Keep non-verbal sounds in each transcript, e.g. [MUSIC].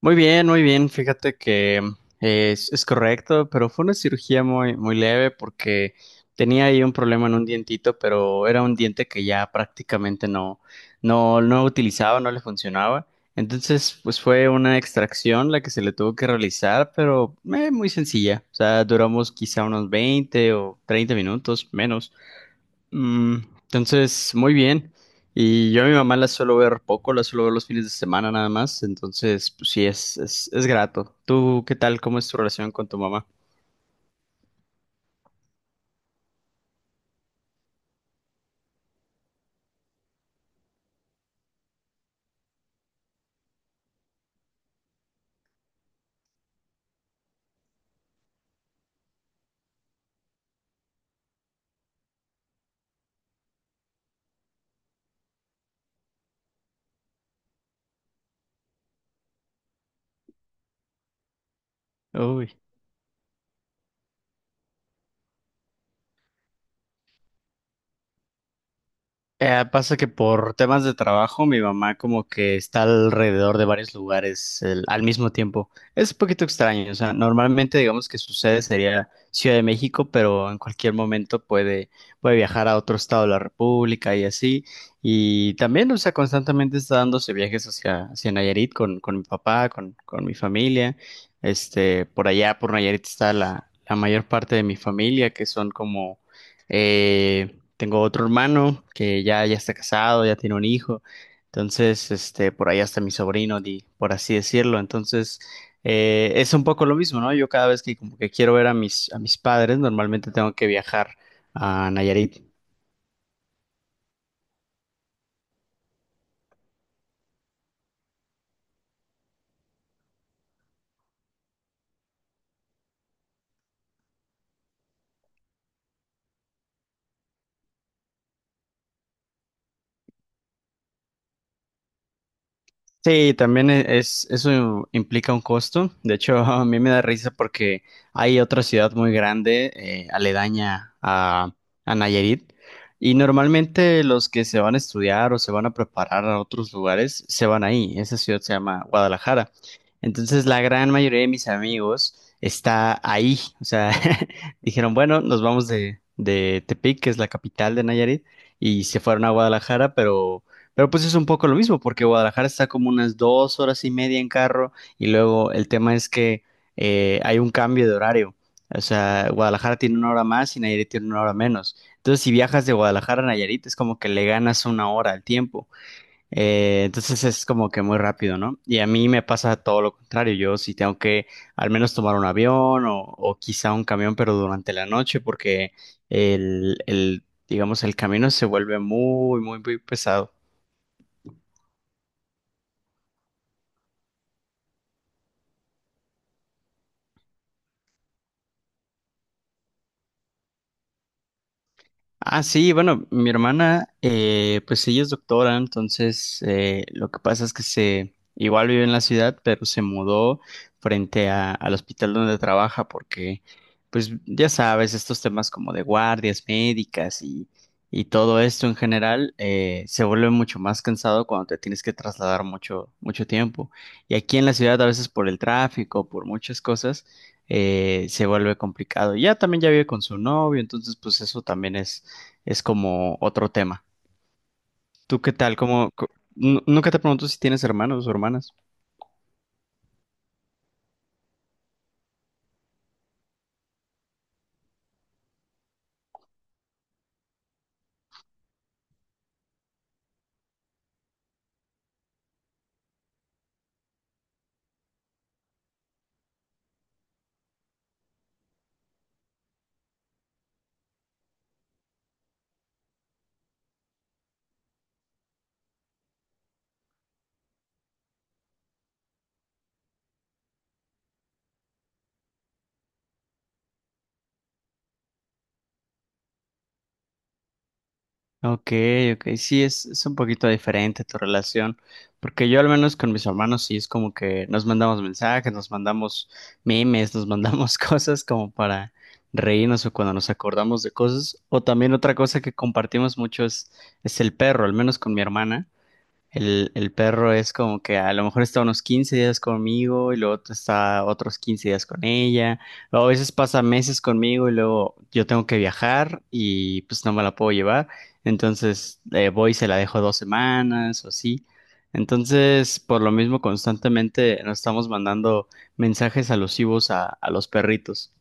Muy bien, muy bien. Fíjate que es correcto, pero fue una cirugía muy, muy leve porque tenía ahí un problema en un dientito, pero era un diente que ya prácticamente no utilizaba, no le funcionaba. Entonces, pues fue una extracción la que se le tuvo que realizar, pero muy sencilla. O sea, duramos quizá unos 20 o 30 minutos menos. Mm, entonces, muy bien. Y yo a mi mamá la suelo ver poco, la suelo ver los fines de semana nada más. Entonces, pues sí, es grato. ¿Tú qué tal? ¿Cómo es tu relación con tu mamá? Uy. Pasa que por temas de trabajo, mi mamá como que está alrededor de varios lugares al mismo tiempo. Es un poquito extraño, o sea, normalmente digamos que su sede sería Ciudad de México, pero en cualquier momento puede, viajar a otro estado de la República y así. Y también, o sea, constantemente está dándose viajes hacia, Nayarit con mi papá, con mi familia. Este, por allá, por Nayarit está la, mayor parte de mi familia, que son como... eh, Tengo otro hermano que ya está casado, ya tiene un hijo. Entonces, este, por ahí hasta mi sobrino, por así decirlo. Entonces, es un poco lo mismo, ¿no? Yo cada vez que como que quiero ver a mis, padres, normalmente tengo que viajar a Nayarit. Sí, también eso implica un costo. De hecho, [LAUGHS] a mí me da risa porque hay otra ciudad muy grande, aledaña a Nayarit, y normalmente los que se van a estudiar o se van a preparar a otros lugares se van ahí. Esa ciudad se llama Guadalajara. Entonces, la gran mayoría de mis amigos está ahí. O sea, [LAUGHS] dijeron, bueno, nos vamos de, Tepic, que es la capital de Nayarit, y se fueron a Guadalajara, pero pues es un poco lo mismo, porque Guadalajara está como unas 2 horas y media en carro y luego el tema es que hay un cambio de horario. O sea, Guadalajara tiene una hora más y Nayarit tiene una hora menos. Entonces, si viajas de Guadalajara a Nayarit, es como que le ganas una hora al tiempo. Entonces, es como que muy rápido, ¿no? Y a mí me pasa todo lo contrario. Yo sí tengo que al menos tomar un avión o quizá un camión, pero durante la noche, porque digamos, el camino se vuelve muy, muy, muy pesado. Ah, sí, bueno, mi hermana, pues ella es doctora, entonces lo que pasa es que se, igual vive en la ciudad, pero se mudó frente al hospital donde trabaja porque, pues ya sabes, estos temas como de guardias médicas y todo esto en general se vuelve mucho más cansado cuando te tienes que trasladar mucho, mucho tiempo. Y aquí en la ciudad, a veces por el tráfico, por muchas cosas, se vuelve complicado. Y ya también ya vive con su novio, entonces pues eso también es como otro tema. ¿Tú qué tal? Nunca te pregunto si tienes hermanos o hermanas? Ok, ok, sí, es un poquito diferente tu relación, porque yo al menos con mis hermanos sí es como que nos mandamos mensajes, nos mandamos memes, nos mandamos [LAUGHS] cosas como para reírnos o cuando nos acordamos de cosas, o también otra cosa que compartimos mucho es, el perro, al menos con mi hermana. El perro es como que a lo mejor está unos 15 días conmigo y luego está otros 15 días con ella. Luego a veces pasa meses conmigo y luego yo tengo que viajar y pues no me la puedo llevar. Entonces voy y se la dejo 2 semanas o así. Entonces, por lo mismo, constantemente nos estamos mandando mensajes alusivos a los perritos.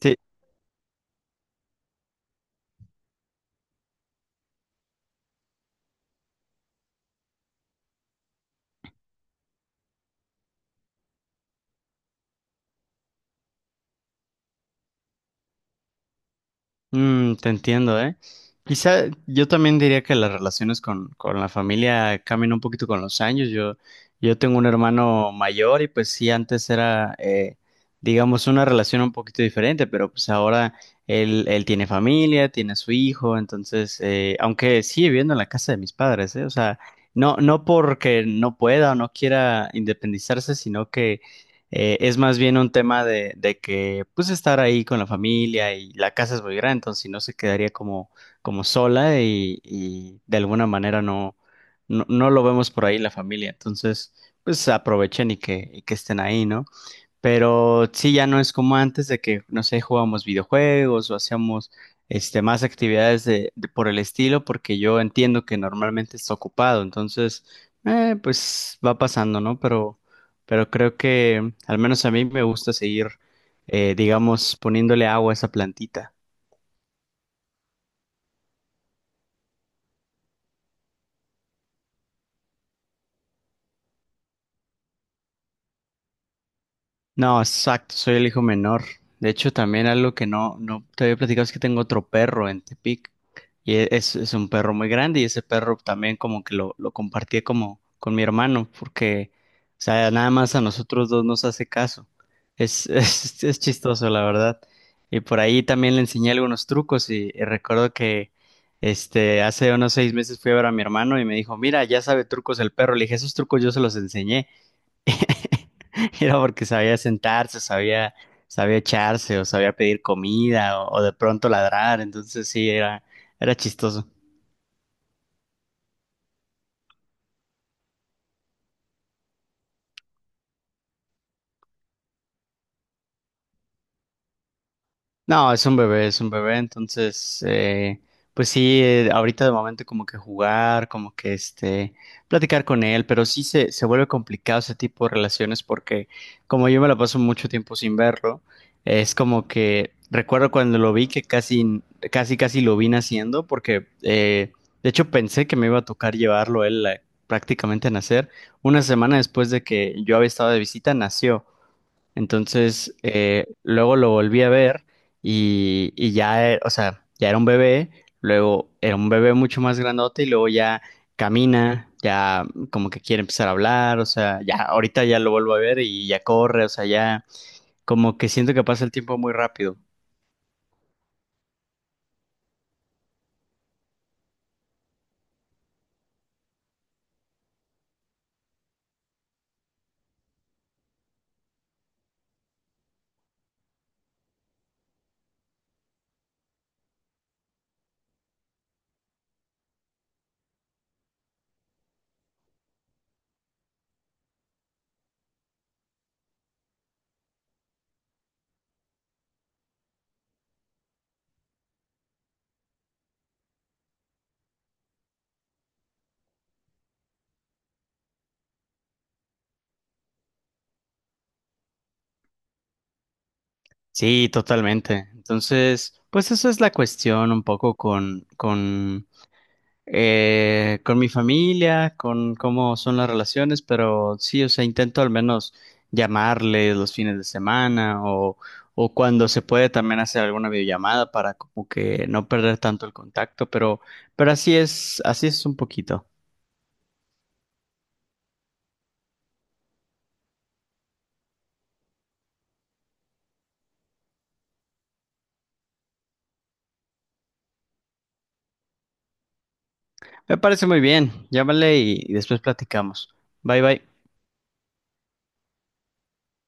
Sí, te entiendo, ¿eh? Quizá yo también diría que las relaciones con, la familia cambian un poquito con los años. Yo tengo un hermano mayor y pues sí, antes era, digamos, una relación un poquito diferente, pero pues ahora él, tiene familia, tiene a su hijo, entonces, aunque sigue viviendo en la casa de mis padres, ¿eh? O sea, no, porque no pueda o no quiera independizarse, sino que es más bien un tema de que, pues, estar ahí con la familia y la casa es muy grande, entonces si no se quedaría como, como sola y, de alguna manera no lo vemos por ahí la familia. Entonces, pues, aprovechen y que estén ahí, ¿no? Pero sí, ya no es como antes de que, no sé, jugábamos videojuegos o hacíamos este, más actividades de, por el estilo, porque yo entiendo que normalmente está ocupado, entonces, pues va pasando, ¿no? pero, creo que al menos a mí me gusta seguir, digamos, poniéndole agua a esa plantita. No, exacto, soy el hijo menor. De hecho, también algo que no, te había platicado es que tengo otro perro en Tepic. Y es un perro muy grande y ese perro también como que lo compartí como con mi hermano porque, o sea, nada más a nosotros dos nos hace caso. Es, [LAUGHS] es chistoso, la verdad. Y por ahí también le enseñé algunos trucos y recuerdo que este, hace unos 6 meses fui a ver a mi hermano y me dijo, mira, ya sabe trucos el perro. Le dije, esos trucos yo se los enseñé. [LAUGHS] Era porque sabía sentarse, sabía, echarse o sabía pedir comida o, de pronto ladrar, entonces sí, era chistoso. No, es un bebé, entonces, pues sí, ahorita de momento como que jugar, como que este, platicar con él, pero sí se vuelve complicado ese tipo de relaciones porque como yo me la paso mucho tiempo sin verlo, es como que recuerdo cuando lo vi que casi, casi, casi lo vi naciendo porque, de hecho pensé que me iba a tocar llevarlo él prácticamente a nacer. Una semana después de que yo había estado de visita, nació. Entonces, luego lo volví a ver y, ya, o sea, ya era un bebé, luego era un bebé mucho más grandote y luego ya camina, ya como que quiere empezar a hablar, o sea, ya ahorita ya lo vuelvo a ver y ya corre, o sea, ya como que siento que pasa el tiempo muy rápido. Sí, totalmente. Entonces, pues eso es la cuestión un poco con mi familia, con cómo son las relaciones, pero sí, o sea, intento al menos llamarles los fines de semana o cuando se puede también hacer alguna videollamada para como que no perder tanto el contacto, pero, así es un poquito. Me parece muy bien, llámale y después platicamos. Bye bye.